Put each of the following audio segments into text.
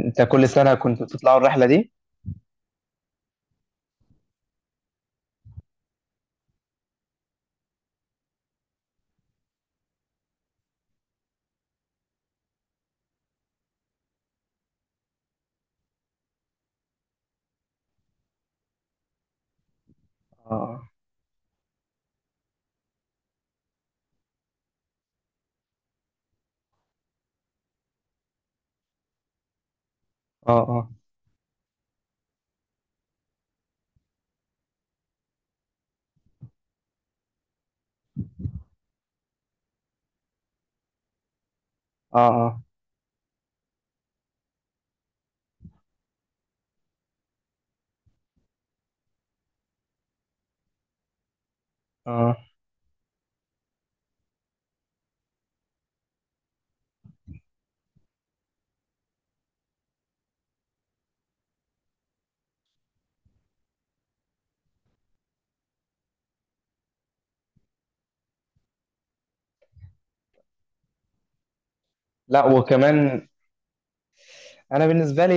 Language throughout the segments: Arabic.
انت كل سنة كنت بتطلعوا الرحلة دي؟ اه، اه، اه، اه، اه، آه. لا، وكمان انا بالنسبة لي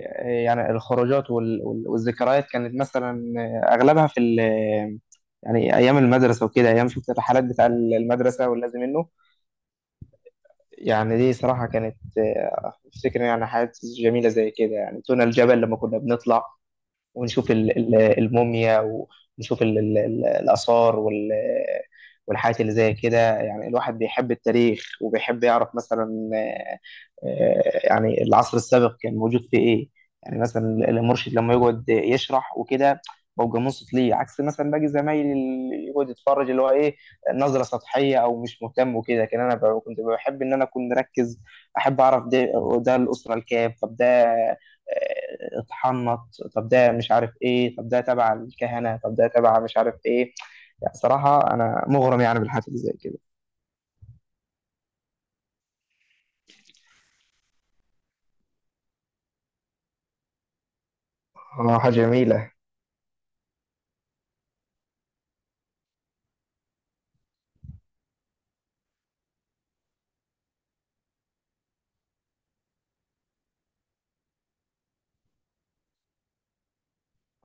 يعني الخروجات والذكريات كانت مثلا، اغلبها يعني ايام المدرسة وكده، ايام شفت الرحلات بتاع المدرسة واللازم منه. يعني دي صراحة كانت، افتكر يعني حاجات جميلة زي كده. يعني طلعنا الجبل لما كنا بنطلع ونشوف الموميا، ونشوف الآثار والحاجات اللي زي كده. يعني الواحد بيحب التاريخ وبيحب يعرف مثلا، يعني العصر السابق كان موجود في ايه. يعني مثلا المرشد لما يقعد يشرح وكده، ببقى منصت ليه، عكس مثلا باقي زمايلي اللي يقعد يتفرج، اللي هو ايه، نظره سطحيه او مش مهتم وكده. لكن انا كنت بحب ان انا اكون مركز، احب اعرف ده، ده الاسره الكام، طب ده اتحنط، طب ده مش عارف ايه، طب ده تبع الكهنه، طب ده تبع مش عارف ايه. يعني صراحه انا مغرم يعني بالحاجات اللي زي كده. اه، حاجه جميله.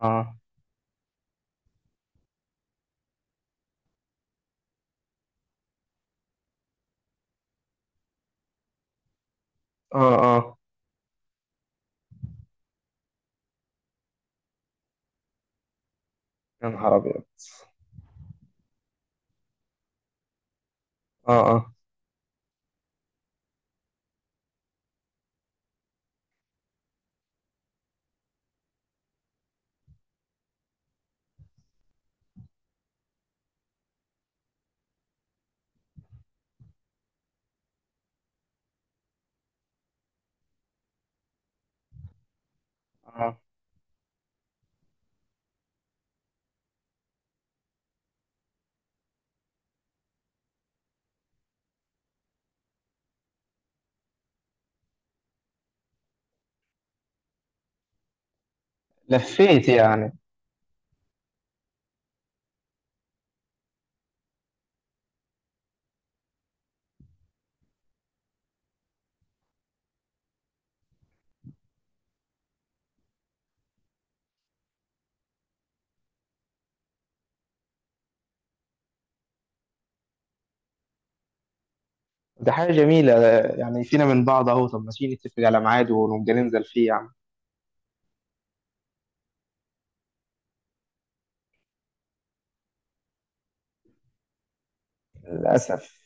اه، اه، اه. يا نهار ابيض! اه، اه، اه. لفيت يعني. ده حاجة جميلة، يعني فينا من بعض اهو. طب ماشي، نتفق على ميعاد ونبقى ننزل فيه يعني. للأسف.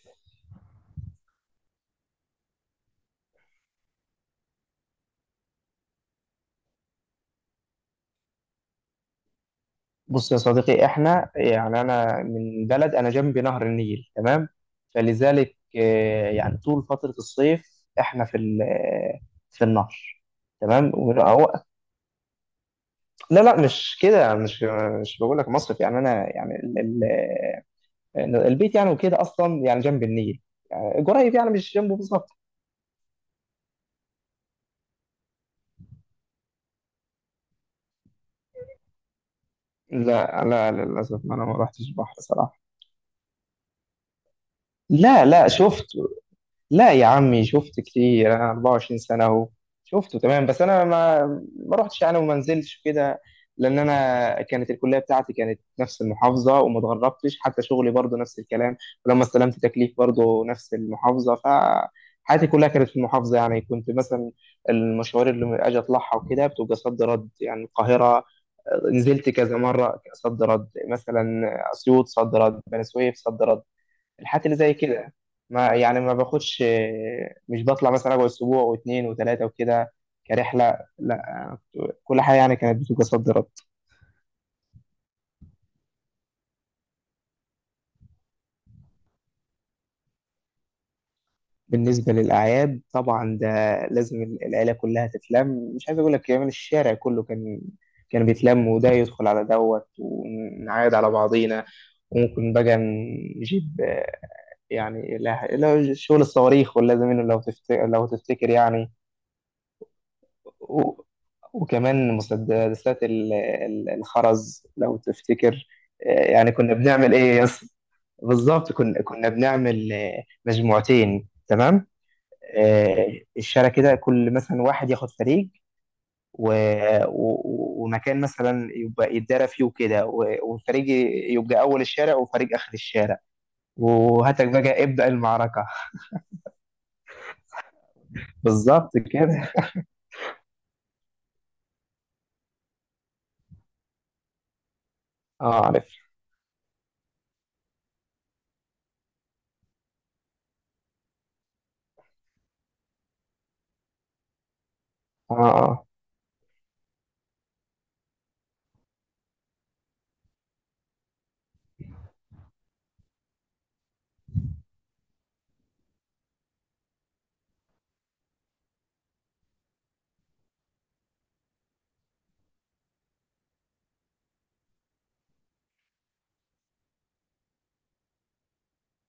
بص يا صديقي، احنا يعني انا من بلد، انا جنبي نهر النيل، تمام. فلذلك يعني طول فترة الصيف احنا في ال- آه، في النهر. تمام وهو، لا لا، مش كده، مش بقول لك مصيف. يعني انا، يعني البيت يعني وكده، اصلا يعني جنب النيل. يعني قريب، يعني مش جنبه بالظبط. لا لا، للأسف أنا ما رحتش البحر صراحة. لا لا، شفت. لا يا عمي، شفت كتير، أنا 24 سنة أهو. شفته تمام، بس أنا ما رحتش يعني وما نزلتش كده. لأن أنا كانت الكلية بتاعتي كانت نفس المحافظة، وما اتغربتش. حتى شغلي برضه نفس الكلام، ولما استلمت تكليف برضه نفس المحافظة. فحياتي كلها كانت في المحافظة. يعني كنت مثلا المشوار اللي أجي أطلعها وكده بتبقى صد رد، يعني القاهرة. نزلت كذا مره صد رد، مثلا اسيوط صد رد، بني سويف صد رد. الحاجات اللي زي كده، ما يعني ما باخدش، مش بطلع مثلا اقعد اسبوع واثنين وثلاثه وكده كرحله، لا. كل حاجه يعني كانت بتبقى صد رد. بالنسبة للأعياد طبعا، ده لازم العيلة كلها تتلم. مش عايز أقول لك كمان الشارع كله كان، كان بيتلم، وده يدخل على دوت ونعايد على بعضينا. وممكن بقى نجيب، يعني، لا لا شغل الصواريخ، ولا زميله لو تفتكر، لو تفتكر يعني. و- وكمان مسدسات الخرز لو تفتكر. يعني كنا بنعمل إيه يس. بالظبط، كنا بنعمل مجموعتين، تمام. الشارع كده، كل مثلا واحد ياخد فريق، و... و... ومكان مثلا يبقى يتدارى فيه وكده، و... وفريق يبقى اول الشارع وفريق اخر الشارع، وهاتك بقى ابدأ المعركة. بالظبط كده. اه عارف. اه، اه،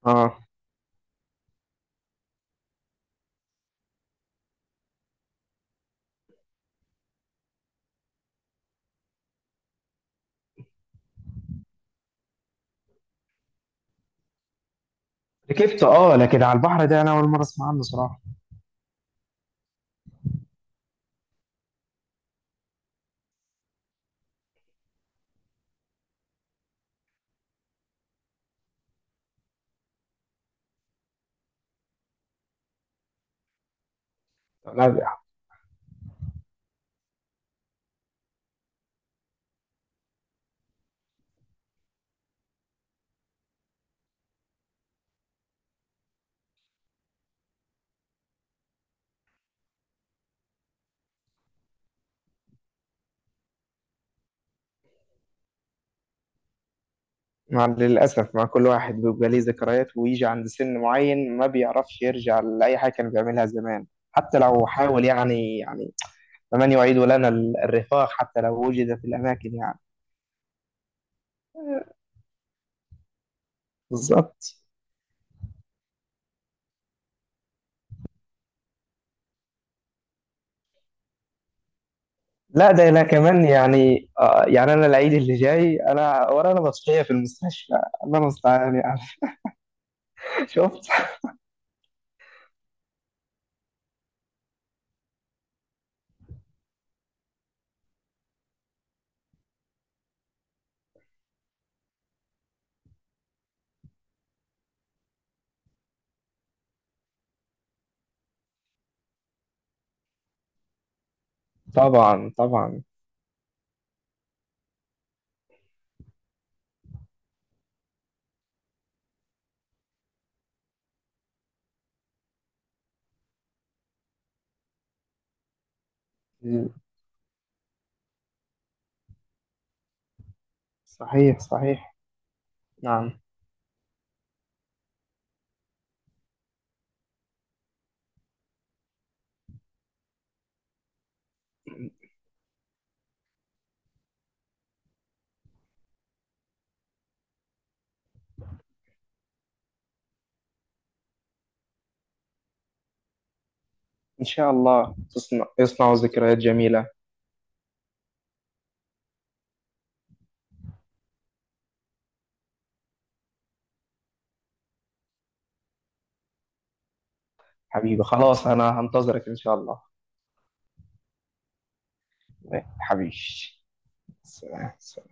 اه. ركبت اه، لكن على البحر ده انا اول مرة اسمع عنه صراحة. لا، مع للأسف، مع كل واحد بيبقى ليه ذكريات، ويجي عند سن معين ما بيعرفش يرجع لأي حاجة كان بيعملها زمان. حتى لو حاول يعني فمن يعيد لنا الرفاق حتى لو وجد في الأماكن يعني. بالظبط. لا ده لا كمان يعني، يعني أنا العيد اللي جاي أنا ورانا مسرحية في المستشفى. الله المستعان يعني. شفت. طبعا طبعا. صحيح صحيح. نعم. إن شاء الله تصنع، يصنع ذكريات جميلة. حبيبي خلاص، أنا هنتظرك إن شاء الله. حبيبي. سلام.